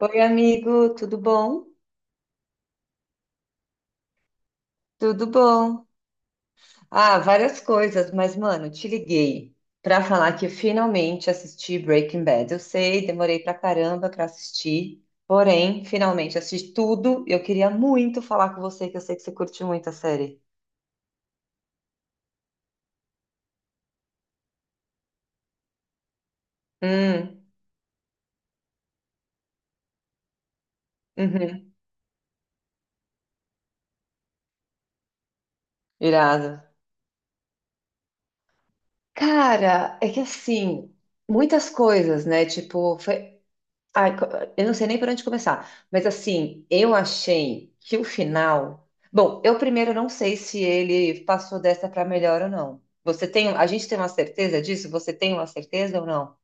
Oi, amigo, tudo bom? Tudo bom. Ah, várias coisas, mas, mano, te liguei pra falar que eu finalmente assisti Breaking Bad. Eu sei, demorei pra caramba pra assistir, porém, finalmente assisti tudo. Eu queria muito falar com você, que eu sei que você curte muito a série. Hum, uhum, irado. Cara, é que assim, muitas coisas, né? Tipo, foi, Ai, co- eu não sei nem por onde começar, mas assim, eu achei que o final. Bom, eu primeiro não sei se ele passou dessa para melhor ou não. Você tem, um, a gente tem uma certeza disso? Você tem uma certeza ou não?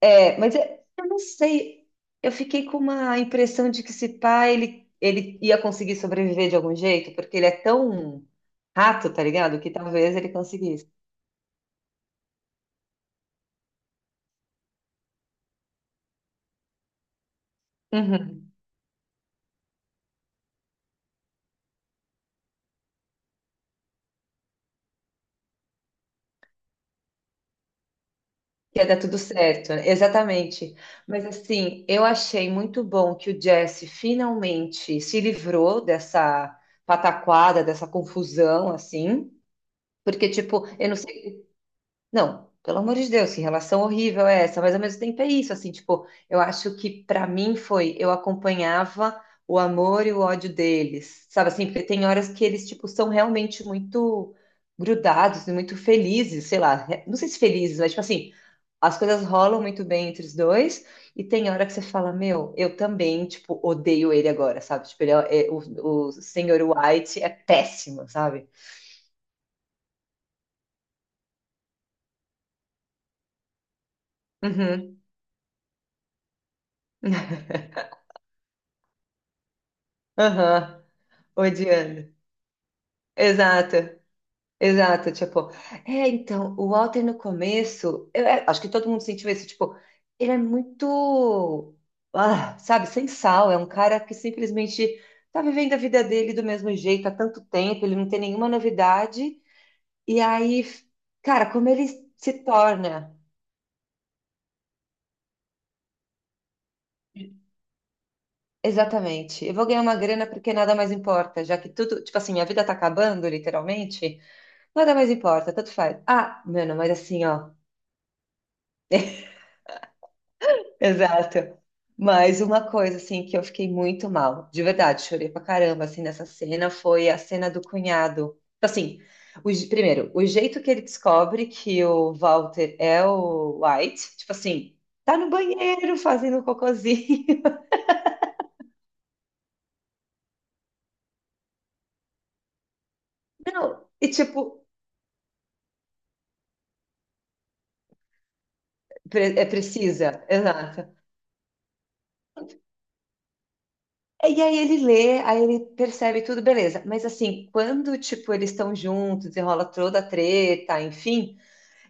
É, eu não sei. Eu fiquei com uma impressão de que esse pai ele ia conseguir sobreviver de algum jeito, porque ele é tão rato, tá ligado? Que talvez ele conseguisse. Ia dar tudo certo, né? Exatamente. Mas assim, eu achei muito bom que o Jesse finalmente se livrou dessa pataquada, dessa confusão, assim. Porque, tipo, eu não sei não, pelo amor de Deus, que relação horrível é essa? Mas ao mesmo tempo é isso, assim, tipo, eu acho que pra mim foi, eu acompanhava o amor e o ódio deles, sabe assim? Porque tem horas que eles, tipo, são realmente muito grudados e muito felizes, sei lá, não sei se felizes, mas tipo assim, as coisas rolam muito bem entre os dois, e tem hora que você fala, meu, eu também, tipo, odeio ele agora, sabe? Tipo, ele é, é- o senhor White é péssimo, sabe? Uhum. Aham, odiando. Exato, exato, tipo, é, então, o Walter no começo, acho que todo mundo sentiu isso, tipo, ele é muito, ah, sabe, sem sal, é um cara que simplesmente tá vivendo a vida dele do mesmo jeito há tanto tempo, ele não tem nenhuma novidade, e aí, cara, como ele se torna, exatamente, eu vou ganhar uma grana porque nada mais importa, já que tudo, tipo assim, minha vida tá acabando, literalmente, nada mais importa, tanto faz. Ah, mano, mas assim, ó. Exato. Mas uma coisa, assim, que eu fiquei muito mal, de verdade, chorei pra caramba, assim, nessa cena, foi a cena do cunhado. Assim, primeiro, o jeito que ele descobre que o Walter é o White, tipo assim, tá no banheiro fazendo cocôzinho. Não, e tipo, é precisa, exato. E aí ele lê, aí ele percebe tudo, beleza. Mas assim, quando, tipo, eles estão juntos, enrola toda a treta, enfim.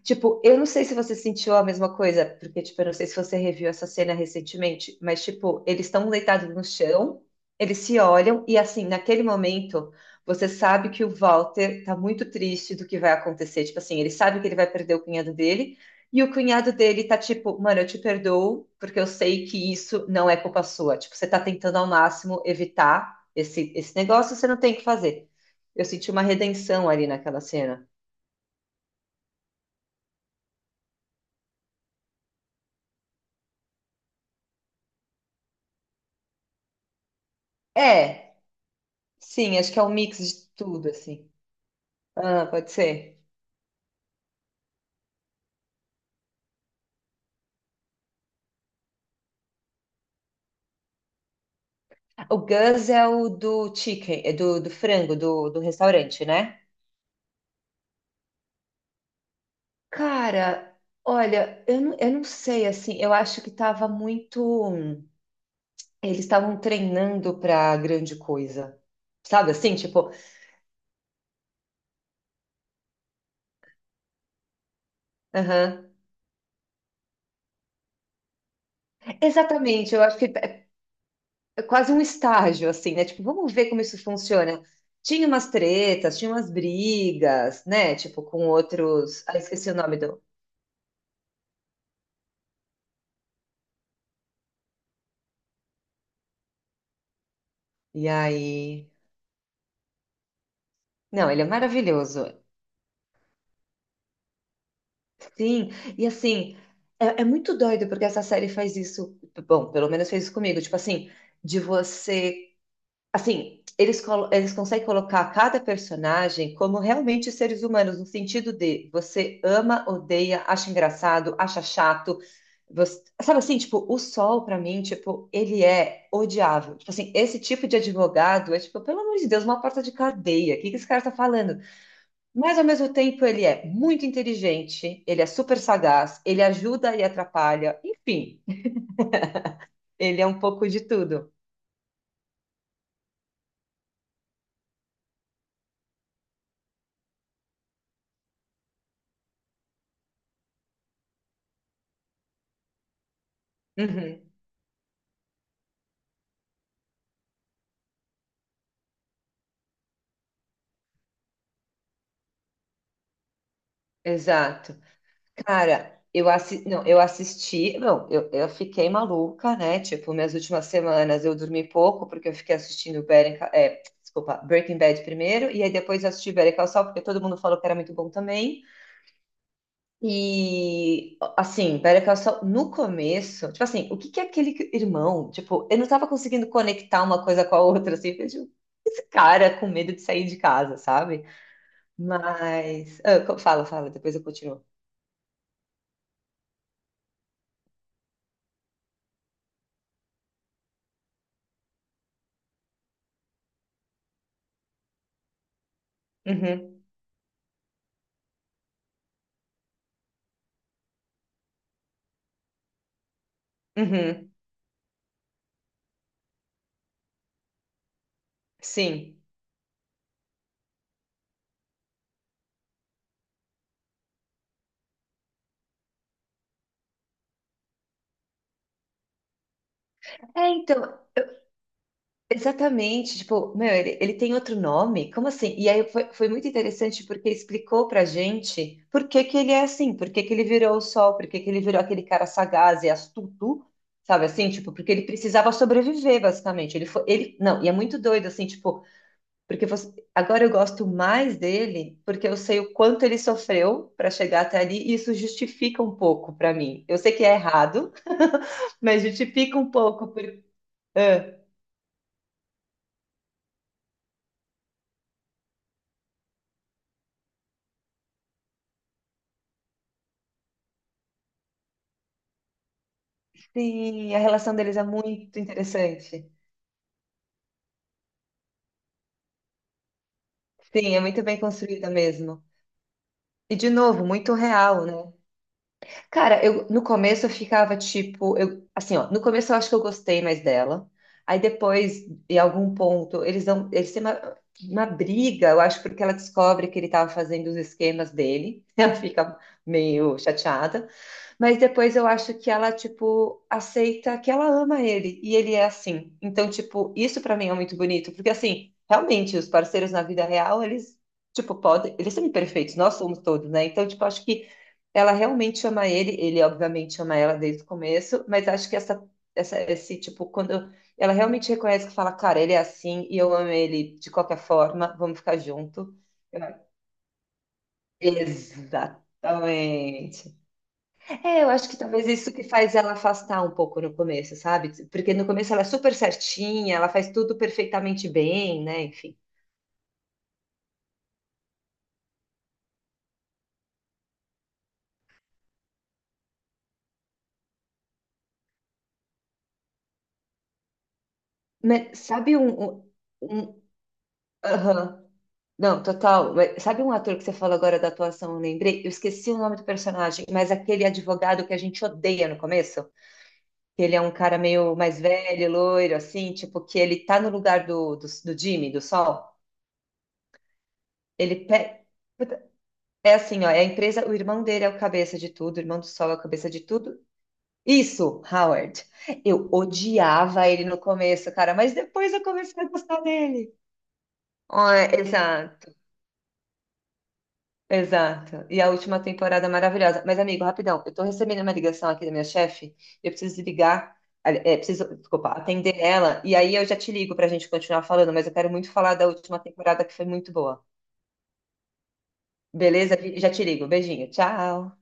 Tipo, eu não sei se você sentiu a mesma coisa, porque, tipo, eu não sei se você reviu essa cena recentemente, mas, tipo, eles estão deitados no chão, eles se olham, e, assim, naquele momento, você sabe que o Walter tá muito triste do que vai acontecer. Tipo, assim, ele sabe que ele vai perder o cunhado dele, e o cunhado dele tá tipo, mano, eu te perdoo, porque eu sei que isso não é culpa sua. Tipo, você tá tentando ao máximo evitar esse negócio, você não tem o que fazer. Eu senti uma redenção ali naquela cena. É. Sim, acho que é um mix de tudo, assim. Ah, pode ser. O Gus é o do chicken, é do frango, do restaurante, né? Cara, olha, eu não sei, assim, eu acho que tava muito. Eles estavam treinando pra grande coisa. Sabe assim, tipo, aham. Exatamente, eu acho que é quase um estágio, assim, né? Tipo, vamos ver como isso funciona. Tinha umas tretas, tinha umas brigas, né? Tipo, com outros. Ah, esqueci o nome do. E aí. Não, ele é maravilhoso. Sim, e assim, é, é muito doido porque essa série faz isso. Bom, pelo menos fez isso comigo. Tipo assim, de você. Assim, eles, eles conseguem colocar cada personagem como realmente seres humanos, no sentido de você ama, odeia, acha engraçado, acha chato. Você, sabe assim, tipo, o Sol, pra mim, tipo, ele é odiável. Tipo assim, esse tipo de advogado é, tipo, pelo amor de Deus, uma porta de cadeia. O que que esse cara tá falando? Mas ao mesmo tempo ele é muito inteligente, ele é super sagaz, ele ajuda e atrapalha, enfim, ele é um pouco de tudo. Uhum, exato. Cara, eu assi... não, eu assisti, não, eu fiquei maluca, né? Tipo, minhas últimas semanas eu dormi pouco porque eu fiquei assistindo desculpa, Breaking Bad primeiro e aí depois eu assisti Better Call Saul porque todo mundo falou que era muito bom também. E, assim, pera que eu só. No começo, tipo assim, o que que é aquele que- irmão? Tipo, eu não tava conseguindo conectar uma coisa com a outra, assim, eu, tipo, esse cara com medo de sair de casa, sabe? Mas. Fala, fala, depois eu continuo. Uhum, uhum, sim. É, então, exatamente, tipo, meu, ele tem outro nome? Como assim? E aí foi muito interessante porque explicou pra gente por que que ele é assim, por que que ele virou o sol, por que que ele virou aquele cara sagaz e astuto, sabe assim? Tipo, porque ele precisava sobreviver, basicamente. Não, e é muito doido, assim, tipo, porque você, agora eu gosto mais dele porque eu sei o quanto ele sofreu pra chegar até ali e isso justifica um pouco pra mim. Eu sei que é errado, mas justifica um pouco. Por... Sim, a relação deles é muito interessante. Sim, é muito bem construída mesmo. E, de novo, muito real, né? Cara, eu no começo eu ficava tipo, eu assim, ó, no começo eu acho que eu gostei mais dela. Aí depois, em algum ponto, eles têm uma briga, eu acho, porque ela descobre que ele estava fazendo os esquemas dele. Ela fica meio chateada. Mas depois eu acho que ela, tipo, aceita que ela ama ele e ele é assim. Então, tipo, isso pra mim é muito bonito, porque assim, realmente os parceiros na vida real, eles tipo, podem, eles são imperfeitos, nós somos todos, né? Então, tipo, acho que ela realmente ama ele, ele obviamente ama ela desde o começo, mas acho que esse tipo, quando ela realmente reconhece que fala, cara, ele é assim e eu amo ele de qualquer forma, vamos ficar junto. Exatamente. É, eu acho que talvez isso que faz ela afastar um pouco no começo, sabe? Porque no começo ela é super certinha, ela faz tudo perfeitamente bem, né? Enfim. Mas sabe um, um, um- Aham. Não, total. Mas sabe um ator que você falou agora da atuação? Eu lembrei, eu esqueci o nome do personagem, mas aquele advogado que a gente odeia no começo, que ele é um cara meio mais velho, loiro, assim, tipo, que ele tá no lugar do Jimmy, do Sol. Ele pe... puta, é assim, ó, é a empresa, o irmão dele é o cabeça de tudo, o irmão do Sol é o cabeça de tudo. Isso, Howard. Eu odiava ele no começo, cara, mas depois eu comecei a gostar dele. Ó, é, exato. Exato. E a última temporada maravilhosa. Mas, amigo, rapidão, eu tô recebendo uma ligação aqui da minha chefe. Eu preciso ligar, ali- é, preciso, desculpa, atender ela. E aí eu já te ligo pra gente continuar falando, mas eu quero muito falar da última temporada que foi muito boa. Beleza? Já te ligo. Beijinho. Tchau.